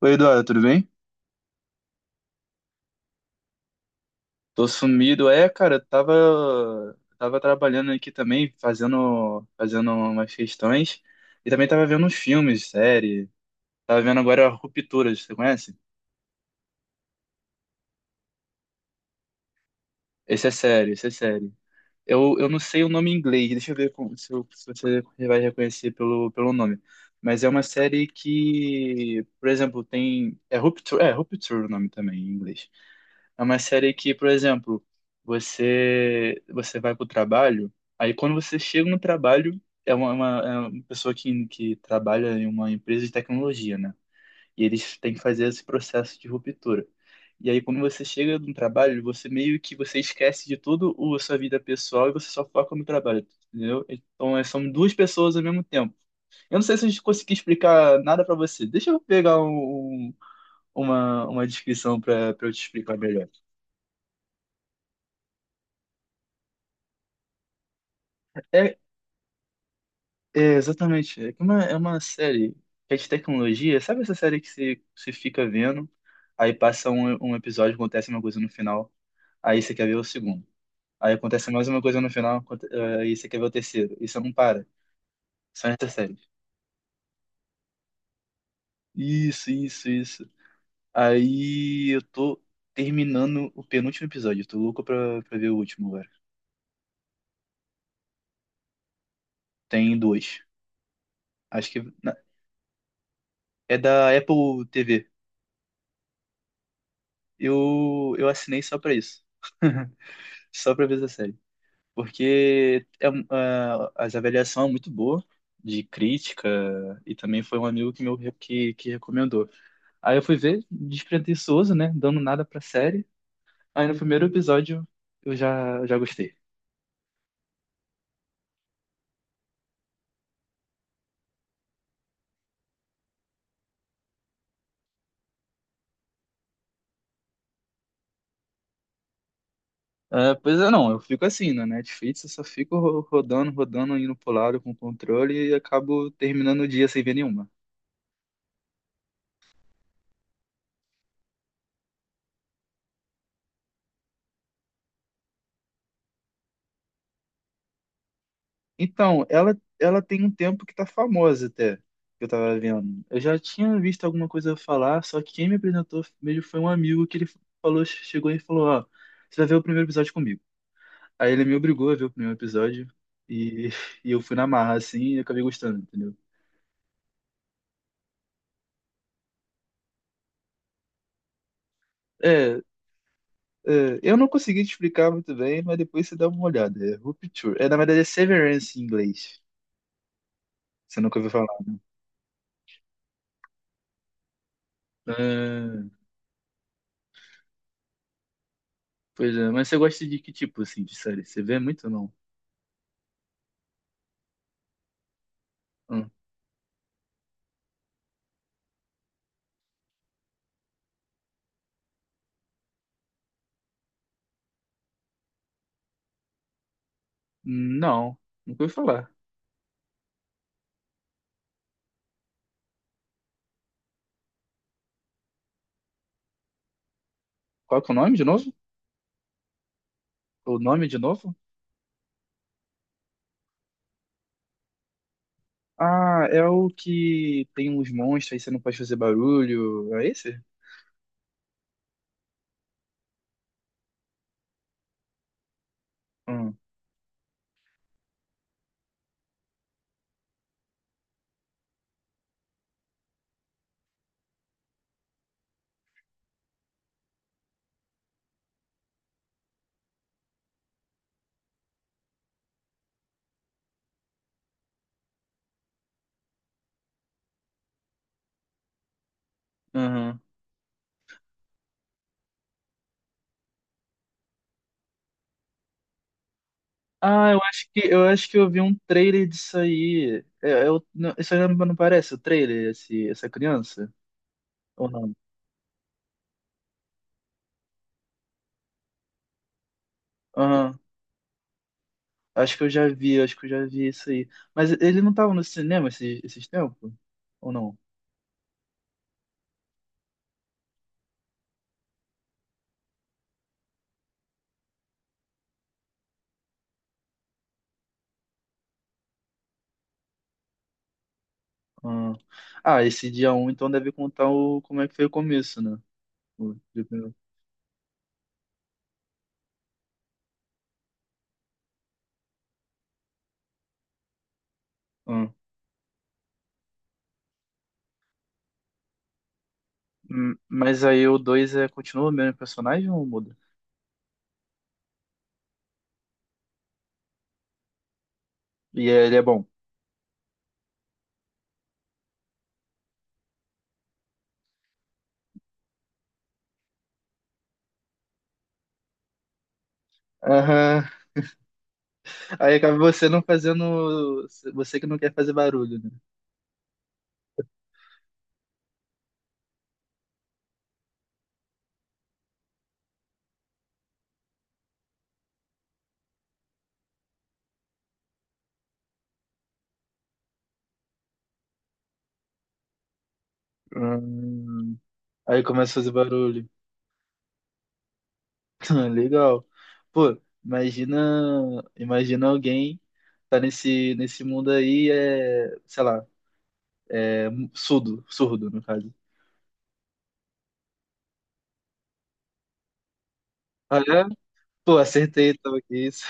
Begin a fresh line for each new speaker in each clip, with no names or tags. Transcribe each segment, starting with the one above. Oi, Eduardo, tudo bem? Tô sumido. É, cara, eu tava trabalhando aqui também, fazendo umas questões. E também tava vendo uns filmes, série. Tava vendo agora Rupturas, você conhece? Esse é sério, esse é sério. Eu não sei o nome em inglês, deixa eu ver com- se, eu- se você vai reconhecer pelo nome. Mas é uma série que, por exemplo, tem. É Rupture o nome também em inglês. É uma série que, por exemplo, você vai pro trabalho, aí quando você chega no trabalho, é uma pessoa que trabalha em uma empresa de tecnologia, né? E eles têm que fazer esse processo de ruptura. E aí quando você chega no trabalho, você meio que você esquece de tudo o sua vida pessoal e você só foca no trabalho, entendeu? Então é, são duas pessoas ao mesmo tempo. Eu não sei se eu consegui explicar nada pra você. Deixa eu pegar uma descrição pra eu te explicar melhor. É, é, exatamente. É que é uma série que é de tecnologia. Sabe essa série que você fica vendo, aí passa um episódio, acontece uma coisa no final, aí você quer ver o segundo. Aí acontece mais uma coisa no final, aí você quer ver o terceiro. E você não para. São essas séries. Isso, isso, isso. Aí eu tô terminando o penúltimo episódio. Eu tô louco pra ver o último agora. Tem dois. Acho que na- É da Apple TV. Eu assinei só pra isso. Só pra ver essa série. Porque as avaliação é muito boa de crítica e também foi um amigo que meu que recomendou. Aí eu fui ver, despretensioso, né, dando nada pra série. Aí no primeiro episódio eu já gostei. Ah, pois é, não, eu fico assim, na Netflix eu só fico rodando, rodando, indo pro lado com o controle e acabo terminando o dia sem ver nenhuma. Então, ela tem um tempo que tá famosa até, que eu tava vendo. Eu já tinha visto alguma coisa falar, só que quem me apresentou mesmo foi um amigo que ele falou, chegou e falou, ó, você vai ver o primeiro episódio comigo. Aí ele me obrigou a ver o primeiro episódio e, e eu fui na marra, assim, e acabei gostando, entendeu? É, é, eu não consegui te explicar muito bem, mas depois você dá uma olhada. É Rupture. É, na verdade, é Severance em inglês. Você nunca ouviu falar. Ah, pois é, mas você gosta de que tipo, assim, de série? Você vê muito ou não? Não, nunca ouvi falar. Qual que é o nome de novo? O nome de novo? Ah, é o que tem uns monstros aí você não pode fazer barulho. É esse? Hum, aham. Ah, eu acho que eu vi um trailer disso aí. Não, isso aí não, não parece o trailer, esse, essa criança? Ou não? Aham. Acho que eu já vi isso aí. Mas ele não tava no cinema esses tempos? Ou não? Ah, Ah, esse dia um, então deve contar o, como é que foi o começo, né? O- de- ah. Mas aí o 2 é, continua o mesmo personagem ou muda? E ele é bom. Aham. Aí acaba você não fazendo. Você que não quer fazer barulho, né? Hum, aí começa a fazer barulho. Legal. Pô, imagina. Imagina alguém tá nesse mundo aí, é, sei lá, surdo, surdo, no caso. Ah, é? Pô, acertei, então, que isso.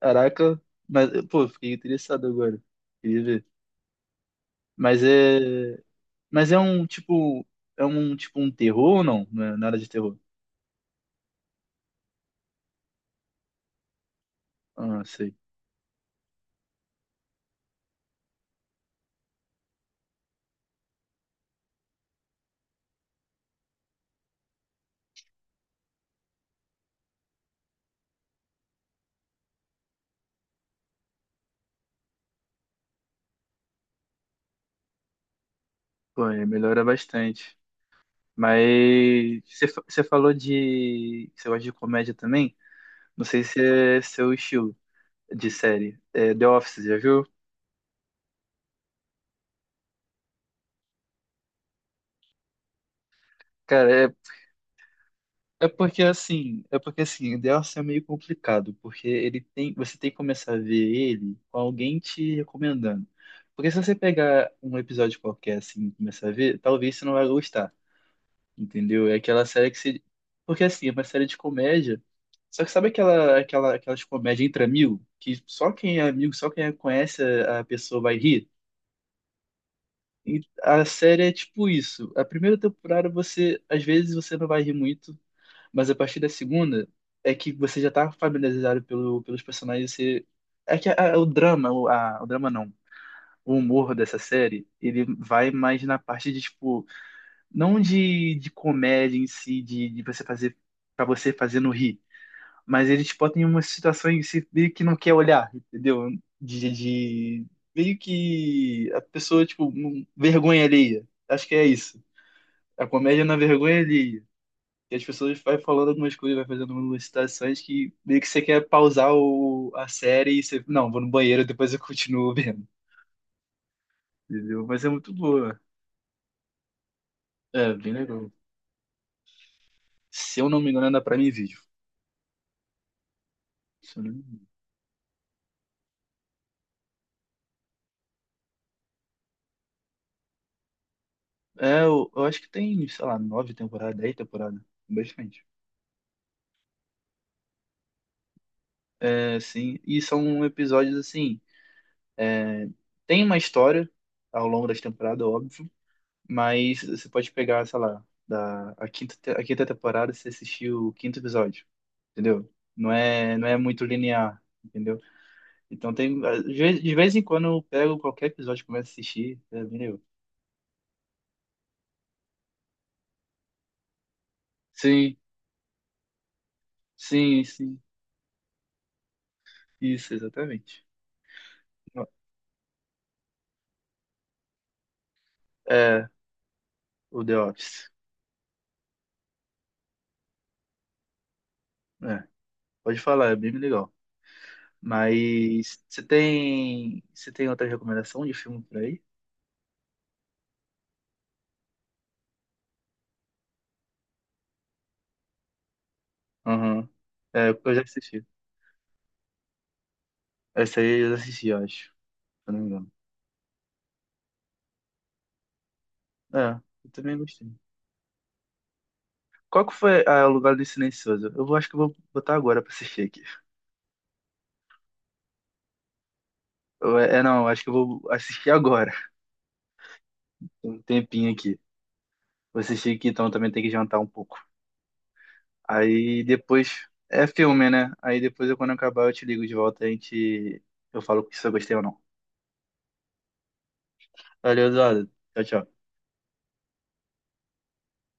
Caraca, mas, pô, fiquei interessado agora. Queria ver. Mas é. Mas é um tipo. É um tipo um terror ou não? Não é nada de terror. Ah, sei. Pô, aí melhora bastante. Você falou de. Você gosta de comédia também? Não sei se é seu estilo de série. É, The Office, já viu? Cara, é porque assim. É porque assim, The Office é meio complicado, porque ele tem. Você tem que começar a ver ele com alguém te recomendando. Porque se você pegar um episódio qualquer assim e começar a ver, talvez você não vai gostar. Entendeu? É aquela série que você... Porque, assim, é uma série de comédia, só que sabe aquelas comédias entre amigos? Que só quem é amigo, só quem conhece a pessoa vai rir? E a série é tipo isso. A primeira temporada você, às vezes, você não vai rir muito, mas a partir da segunda é que você já tá familiarizado pelos personagens, você... É que a- o drama, o, a- o drama não, O humor dessa série, ele vai mais na parte de, tipo não de comédia em si, de você fazer para você fazer no rir, mas eles botam em uma situação em que você meio que não quer olhar, entendeu? De meio que a pessoa tipo vergonha alheia. Acho que é isso. A comédia na vergonha alheia. E as pessoas vai falando algumas coisas, vai fazendo algumas citações que meio que você quer pausar a série e você, não, vou no banheiro, depois eu continuo vendo, entendeu? Mas é muito boa. É, bem legal. Se eu não me engano, é da Prime Video. Se eu não me engano. É, eu acho que tem, sei lá, nove temporadas, dez temporadas. Bastante. É, sim. E são episódios assim. É, tem uma história ao longo das temporadas, óbvio, mas você pode pegar, sei lá, a quinta, a quinta temporada você assistiu o quinto episódio, entendeu? Não é muito linear, entendeu? Então tem, de vez em quando eu pego qualquer episódio e começo a assistir, é, entendeu? Sim, sim, isso, exatamente. É, o The Office. É, pode falar, é bem legal. Mas você tem outra recomendação de filme por aí? Aham. É, eu já assisti. Essa aí eu já assisti, eu acho. Se eu não me engano. É, eu também gostei. Qual que foi ah, o lugar do silencioso? Eu vou, acho que eu vou botar agora pra assistir aqui. Não, acho que eu vou assistir agora. Tem um tempinho aqui. Vou assistir aqui, então também tem que jantar um pouco. Aí depois. É filme, né? Aí depois, eu, quando eu acabar, eu te ligo de volta e a gente. Eu falo se eu gostei ou não. Valeu, Eduardo. Tchau, tchau.